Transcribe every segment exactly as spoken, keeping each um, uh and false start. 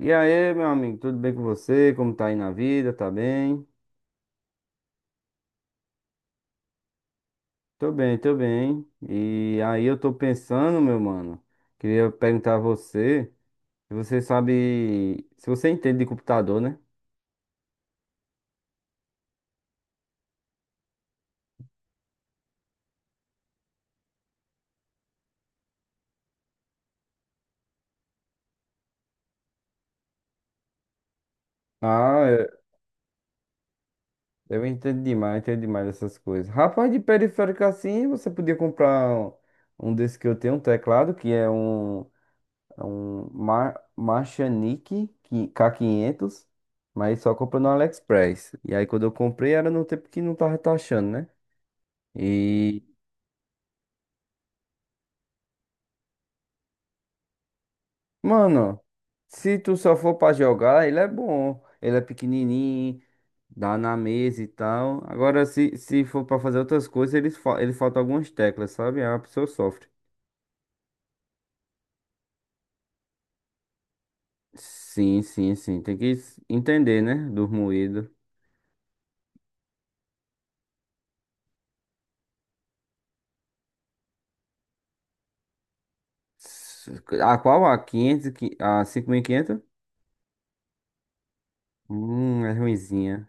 E aí, meu amigo, tudo bem com você? Como tá aí na vida? Tá bem? Tô bem, tô bem. E aí eu tô pensando, meu mano, queria perguntar a você, se você sabe, se você entende de computador, né? Ah, é- eu entendo demais, entendo demais essas coisas. Rapaz, de periférico assim, você podia comprar um, um desse que eu tenho, um teclado, que é um. É um Mar Marchanique qui- K quinhentos, mas só comprei no AliExpress. E aí quando eu comprei era no tempo que não tava taxando, né? E, mano, se tu só for pra jogar, ele é bom. Ele é pequenininho, dá na mesa e tal. Agora, se, se for pra fazer outras coisas, ele, fa- ele falta algumas teclas, sabe? Aí a pessoa sofre. Sim, sim, sim. Tem que s- entender, né? Do moído. S- A qual? A quinhentos, e qui- a cinco mil e quinhentos? Hum, é ruinzinha.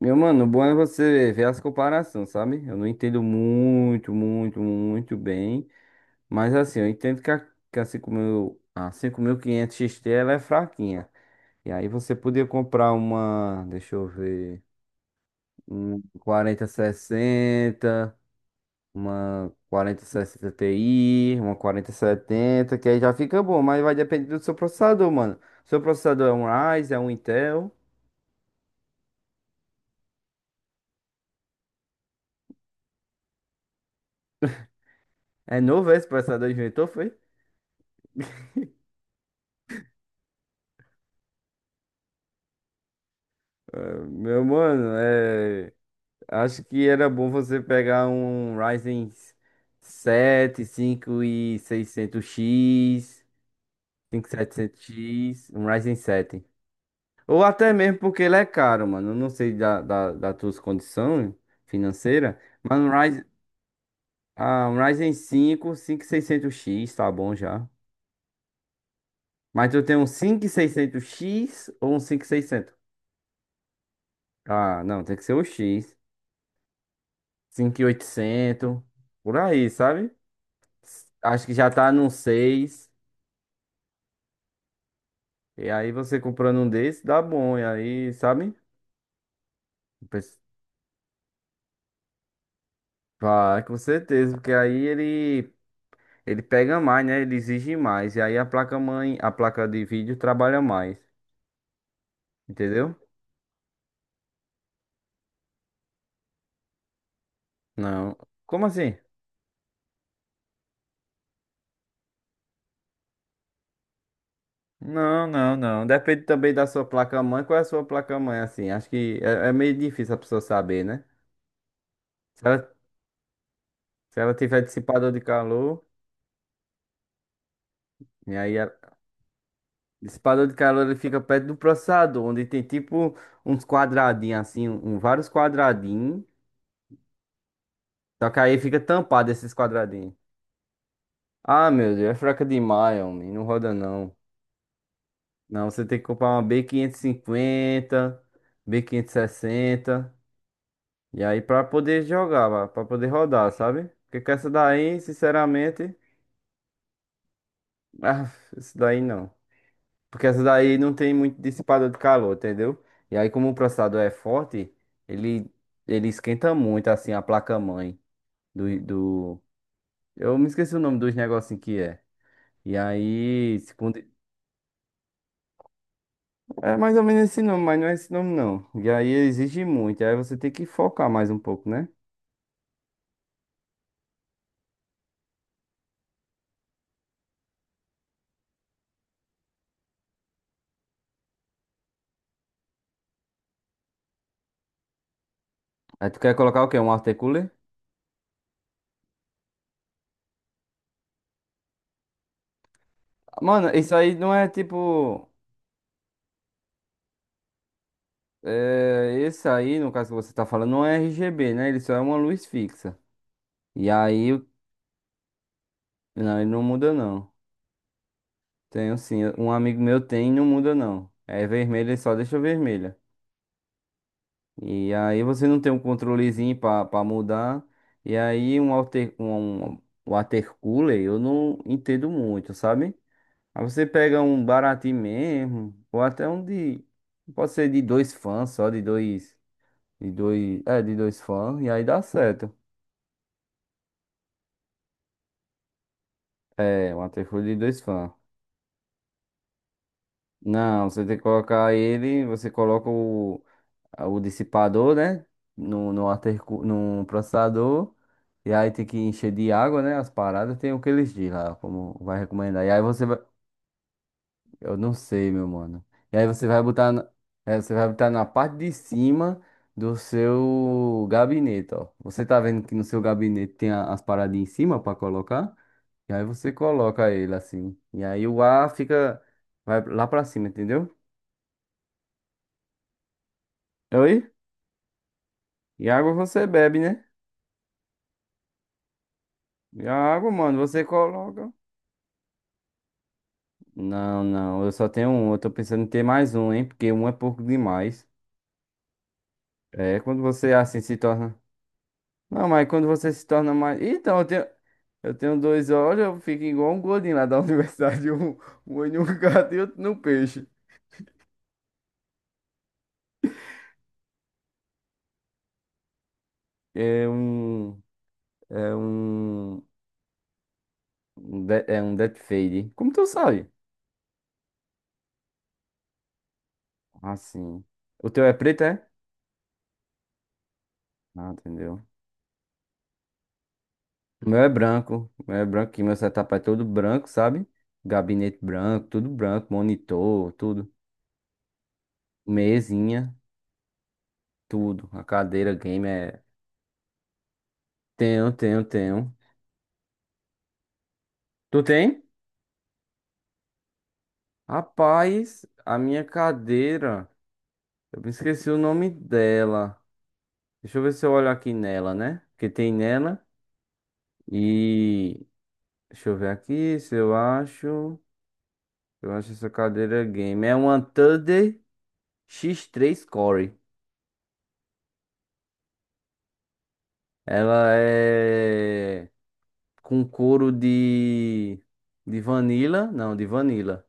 Meu mano, o bom é você ver as comparações, sabe? Eu não entendo muito, muito, muito bem. Mas assim, eu entendo que a, que a cinco mil, a cinco mil e quinhentos X T ela é fraquinha. E aí você podia comprar uma, deixa eu ver, um quarenta sessenta uma quarenta sessenta Ti, uma quarenta setenta que aí já fica bom, mas vai depender do seu processador, mano. Seu processador é um Ryzen, é um Intel. É novo esse processador, inventou, foi? Ah, Meu mano, é, acho que era bom você pegar um Ryzen sete, cinco e seiscentos X, cinco mil e setecentos X, um Ryzen sete. Ou até mesmo porque ele é caro, mano. Eu não sei da, da, das tuas condições financeiras, mas um Ryzen, ah, um Ryzen cinco, cinco mil e seiscentos X, tá bom já. Mas tu tem um cinco mil e seiscentos X ou um cinco mil e seiscentos? Ah, não, tem que ser o X. cinco mil e oitocentos, por aí, sabe? Acho que já tá num seis. E aí você comprando um desse, dá bom. E aí, sabe? O Pes- Vai, com certeza. Porque aí ele, ele pega mais, né? Ele exige mais. E aí a placa-mãe, a placa de vídeo trabalha mais. Entendeu? Não. Como assim? Não, não, não. Depende também da sua placa-mãe. Qual é a sua placa-mãe, assim? Acho que é, é meio difícil a pessoa saber, né? Se ela, se ela tiver dissipador de calor, e aí dissipador de calor ele fica perto do processador, onde tem tipo uns quadradinhos assim, um, um, vários quadradinhos. Só que aí fica tampado esses quadradinhos. Ah, meu Deus, é fraca demais, homem. Não roda não. Não, você tem que comprar uma B quinhentos e cinquenta, B quinhentos e sessenta. E cinquenta, B quinhentos e sessenta. E aí pra poder jogar, pra pra poder rodar, sabe? Porque com essa daí, sinceramente, ah, isso daí não. Porque essa daí não tem muito dissipador de calor, entendeu? E aí, como o processador é forte, ele, ele esquenta muito, assim, a placa-mãe do, do... Eu me esqueci o nome dos negocinhos que é. E aí, se quando- é mais ou menos esse nome, mas não é esse nome, não. E aí, exige muito. Aí você tem que focar mais um pouco, né? Aí tu quer colocar o quê? Um water cooler? Mano, isso aí não é tipo... É, esse aí, no caso que você tá falando, não é R G B, né? Ele só é uma luz fixa. E aí, o- não, ele não muda, não. Tenho sim. Um amigo meu tem e não muda não. É vermelha, ele só deixa vermelha. E aí você não tem um controlezinho pra, pra mudar. E aí um alter, um um, um water cooler eu não entendo muito, sabe? Aí você pega um baratinho mesmo, ou até um de. Pode ser de dois fãs, só de dois. De dois. É, de dois fãs, e aí dá certo. É, um water cooler de dois fãs. Não, você tem que colocar ele, você coloca o. o dissipador, né? No, no, altercu- no processador. E aí tem que encher de água, né? As paradas. Tem o que eles dizem lá, como vai recomendar. E aí você vai. Eu não sei, meu mano. E aí você vai botar. Na... é, você vai botar na parte de cima do seu gabinete, ó. Você tá vendo que no seu gabinete tem a- as paradas em cima pra colocar? E aí você coloca ele assim. E aí o ar fica. Vai lá pra cima, entendeu? Oi? E água você bebe, né? E a água, mano, você coloca. Não, não, eu só tenho um. Eu tô pensando em ter mais um, hein? Porque um é pouco demais. É, quando você assim se torna. Não, mas quando você se torna mais. Então, eu tenho, eu tenho dois olhos, eu fico igual um gordinho lá da universidade. Um, um olho no gato e outro no peixe. É um. É um. um de- É um death fade. Como tu sabe? Assim. O teu é preto, é? Ah, entendeu. O meu é branco. O meu é branco, que meu setup é todo branco, sabe? Gabinete branco, tudo branco, monitor, tudo. Mesinha, tudo. A cadeira game é. Tenho, tenho, tenho. Tu tem? Rapaz, a minha cadeira. Eu me esqueci o nome dela. Deixa eu ver se eu olho aqui nela, né? Que tem nela. E. Deixa eu ver aqui se eu acho. Eu acho essa cadeira game. É uma Thunder x três Core. Ela é. Com couro de. De vanilla. Não, de vanilla.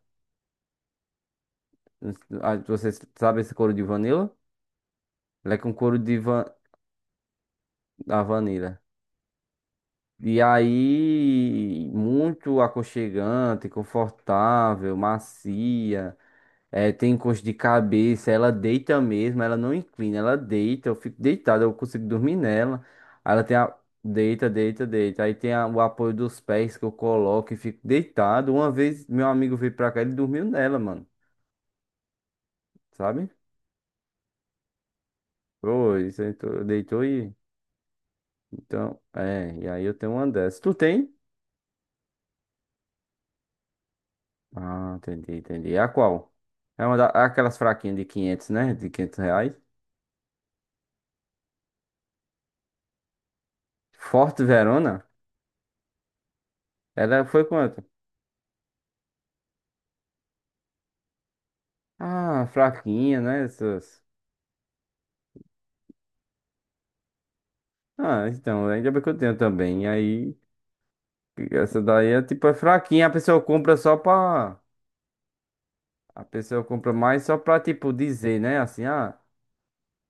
Ah, você sabe esse couro de vanilla? Ela é com couro de van... da vanila. E aí, muito aconchegante, confortável, macia. É, tem encosto de cabeça, ela deita mesmo, ela não inclina, ela deita, eu fico deitado, eu consigo dormir nela. Aí ela tem a. Deita, deita, deita. Aí tem a- o apoio dos pés que eu coloco e fico deitado. Uma vez meu amigo veio pra cá, ele dormiu nela, mano. Sabe? Foi, sentou, deitou e. Então, é, e aí eu tenho uma dessas. Tu tem? Ah, entendi, entendi. É a qual? É uma da, é aquelas fraquinhas de quinhentos, né? De quinhentos reais. Forte Verona? Ela foi quanto? Ah, fraquinha, né? Essas. Ah, então, ainda bem que eu tenho também. E aí, essa daí é tipo, é fraquinha. A pessoa compra só pra. A pessoa compra mais só pra, tipo, dizer, né? Assim, ah,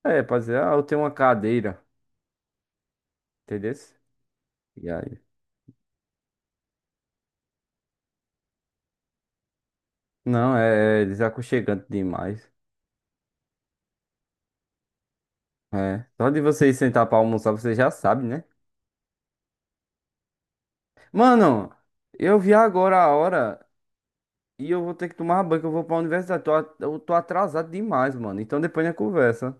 é, pra dizer, ah, eu tenho uma cadeira. Entendeu? E aí? Não, é, é desaconchegante demais. É. Só de você ir sentar pra almoçar, você já sabe, né? Mano, eu vi agora a hora e eu vou ter que tomar banho, que eu vou pra universidade. Tô a- eu tô atrasado demais, mano. Então depois a gente conversa.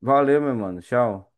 Valeu, meu mano. Tchau.